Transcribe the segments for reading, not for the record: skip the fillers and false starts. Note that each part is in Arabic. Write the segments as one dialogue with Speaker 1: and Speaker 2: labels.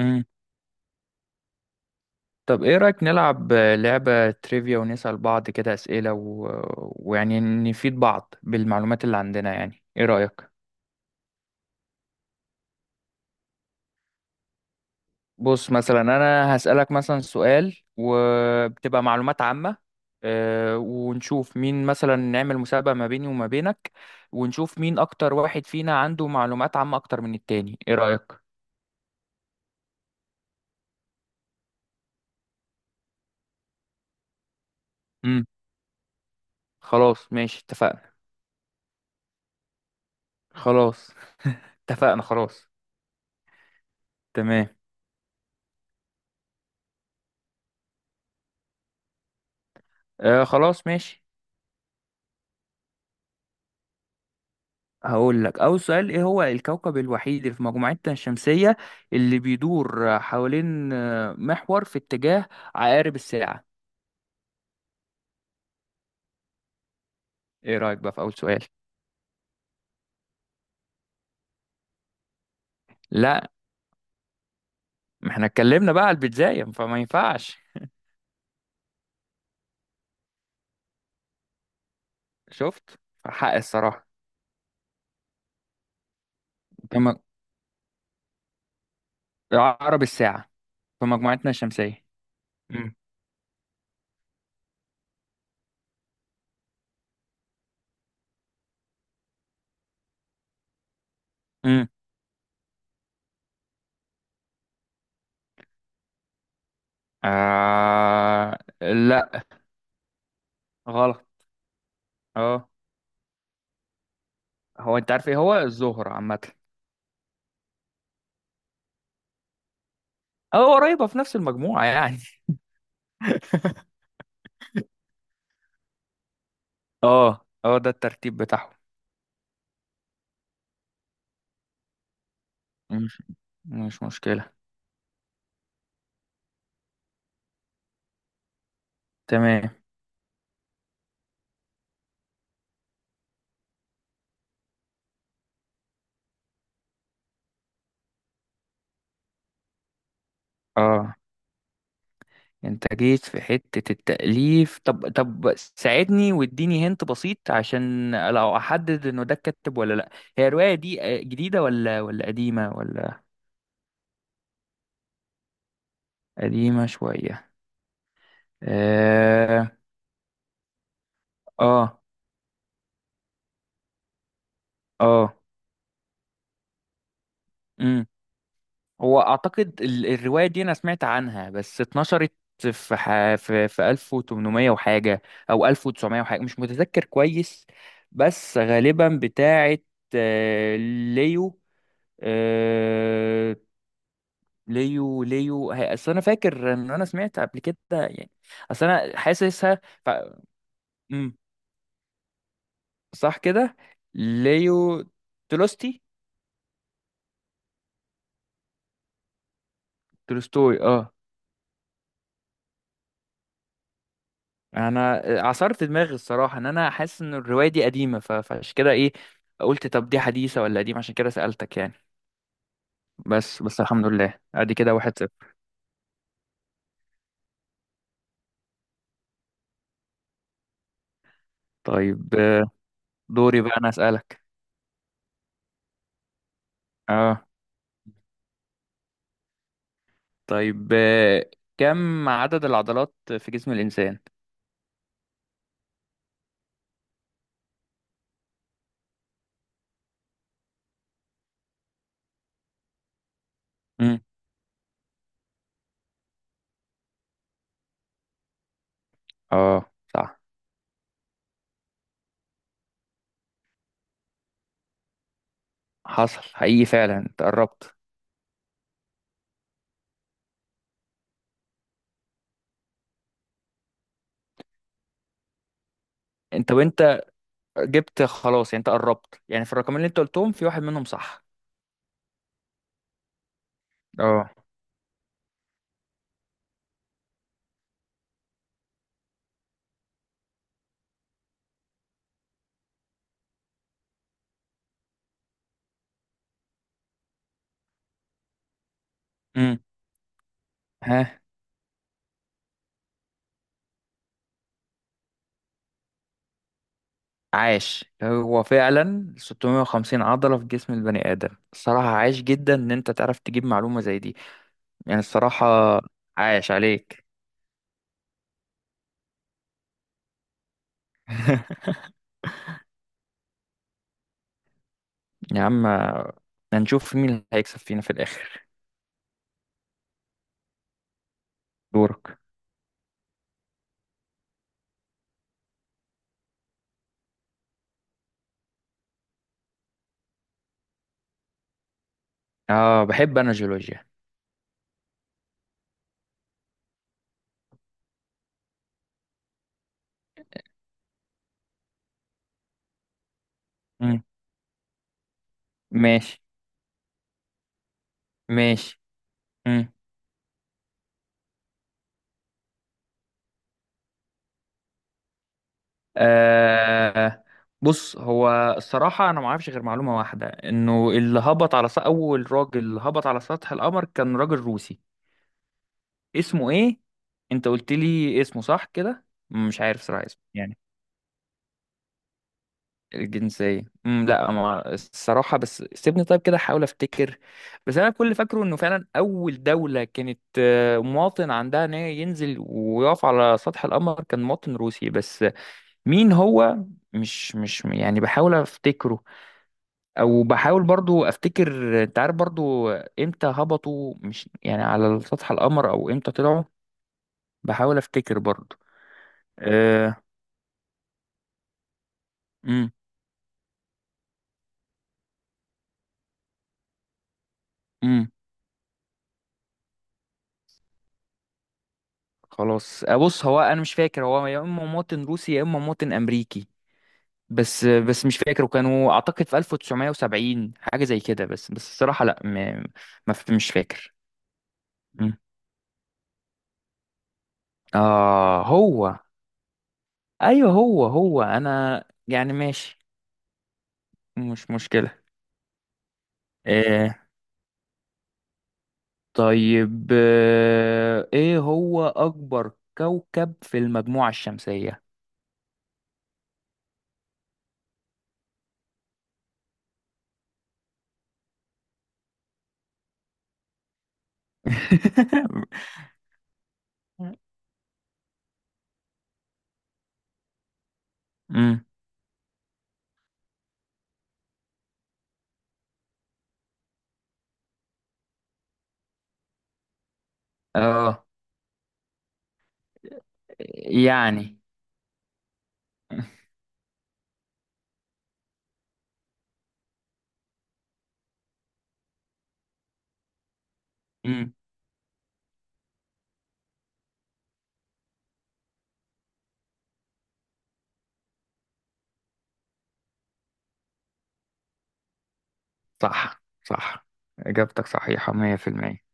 Speaker 1: مم. طب ايه رأيك نلعب لعبة تريفيا ونسأل بعض كده أسئلة و... ويعني نفيد بعض بالمعلومات اللي عندنا يعني ايه رأيك؟ بص مثلا انا هسألك مثلا سؤال وبتبقى معلومات عامة، ونشوف مين، مثلا نعمل مسابقة ما بيني وما بينك ونشوف مين اكتر واحد فينا عنده معلومات عامة اكتر من التاني، ايه رأيك؟ امم خلاص ماشي اتفقنا. خلاص اتفقنا خلاص. تمام. خلاص ماشي. هقول لك أول سؤال: إيه هو الكوكب الوحيد اللي في مجموعتنا الشمسية اللي بيدور حوالين محور في اتجاه عقارب الساعة؟ إيه رأيك بقى في أول سؤال؟ لا، ما احنا اتكلمنا بقى على البيتزايم فما ينفعش. شفت؟ حق الصراحة. في مج- عقرب الساعة، في مجموعتنا الشمسية. مم. مم. لا، غلط. اه. هو انت عارف ايه هو الزهرة عامة؟ اه، قريبة في نفس المجموعة يعني. اه اه، ده الترتيب بتاعهم. مش مش مشكلة. تمام. اه، انت جيت في حتة التأليف. طب ساعدني واديني هنت بسيط عشان لو احدد انه ده الكاتب ولا لا. هي الرواية دي جديدة ولا قديمة ولا؟ قديمة شوية. اه اه اه. مم. هو اعتقد الروايه دي انا سمعت عنها بس اتنشرت في ح... في 1800 وحاجه او 1900 وحاجه، مش متذكر كويس، بس غالبا بتاعه آه، ليو، آه، ليو اصل انا فاكر ان انا سمعت قبل كده يعني. اصل انا حاسسها ف... مم، صح كده؟ ليو تولستي. تولستوي، اه. انا عصرت دماغي الصراحه، ان انا حاسس ان الروايه دي قديمه ف- فعشان كده ايه قلت طب دي حديثه ولا قديمه، عشان كده سالتك يعني. بس بس الحمد لله، ادي كده واحد صفر. طيب، دوري بقى انا اسالك. اه طيب كم عدد العضلات في جسم الانسان؟ امم اه صح، حصل حقيقي، فعلا انت قربت. انت جبت خلاص يعني، انت قربت يعني، في الرقمين اللي انت قلتهم في واحد منهم صح. اه. امم عاش، هو فعلا 650 عضلة في جسم البني آدم. الصراحة عاش جدا إن أنت تعرف تجيب معلومة زي دي يعني، الصراحة عاش عليك. يا عم، هنشوف مين اللي هيكسب فينا في الآخر. دورك. آه، بحب أنا جيولوجيا. مم. ماشي. ماشي. مم. آه، بص، هو الصراحة أنا ما أعرفش غير معلومة واحدة، إنه اللي هبط على سطح، أول راجل هبط على سطح القمر كان راجل روسي. اسمه ايه؟ انت قلت لي اسمه صح كده؟ مش عارف صراحة اسمه يعني. الجنسية، لا، ما الصراحة، بس سيبني طيب كده احاول افتكر. بس انا كل اللي فاكره انه فعلا اول دولة كانت مواطن عندها ان هي ينزل ويقف على سطح القمر كان مواطن روسي، بس مين هو؟ مش يعني، بحاول افتكره. او بحاول برضو افتكر، انت عارف برضو امتى هبطوا، مش يعني على سطح القمر، او امتى طلعوا. بحاول افتكر برضو. أه... مم. امم خلاص. بص، هو انا مش فاكر، هو يا اما مواطن روسي يا اما مواطن امريكي. بس بس مش فاكر. وكانوا اعتقد في 1970، حاجه زي كده، بس بس الصراحه لا، م... ما ف- مش فاكر. مم. اه، هو. ايوه، هو انا يعني ماشي. مش مشكله. آه طيب، آه ايه هو اكبر كوكب في المجموعه الشمسيه؟ امم اه، يعني. امم. صح صح، إجابتك صحيحة مية في المية.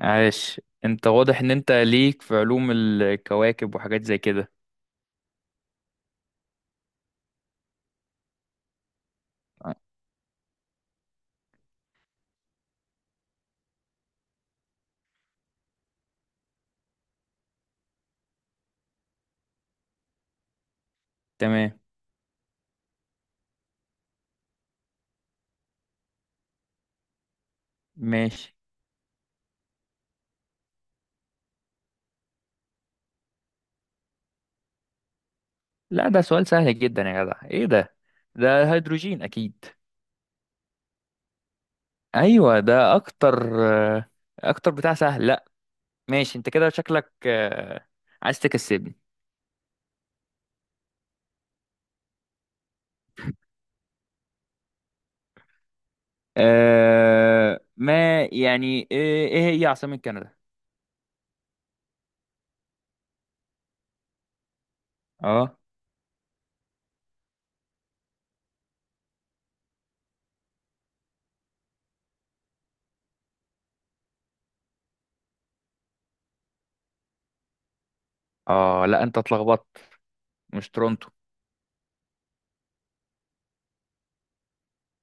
Speaker 1: عاش، أنت واضح إن أنت ليك في علوم الكواكب وحاجات زي كده. آه، تمام. ماشي. لا ده سؤال سهل جدا يا جدع، إيه ده؟ ده هيدروجين أكيد. أيوة ده أكتر، آه، أكتر بتاع سهل لا. ماشي، أنت كده شكلك عايز تكسبني. أه ما يعني، إيه، إيه هي عاصمة كندا؟ أه. أه لا أنت اتلخبطت، مش تورونتو.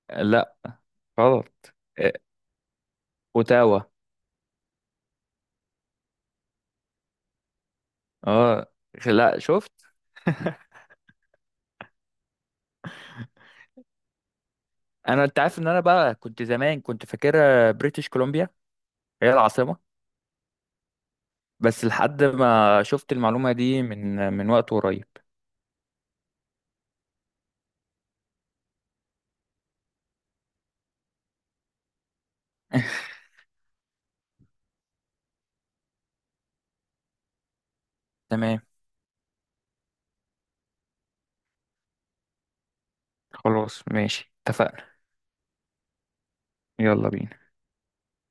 Speaker 1: لا، غلط. آه، اوتاوا. اه. لا شفت، انا انت عارف ان انا بقى كنت زمان كنت فاكرها بريتش كولومبيا هي العاصمه، بس لحد ما شفت المعلومه دي من وقت قريب. تمام. خلاص ماشي اتفقنا. يلا بينا.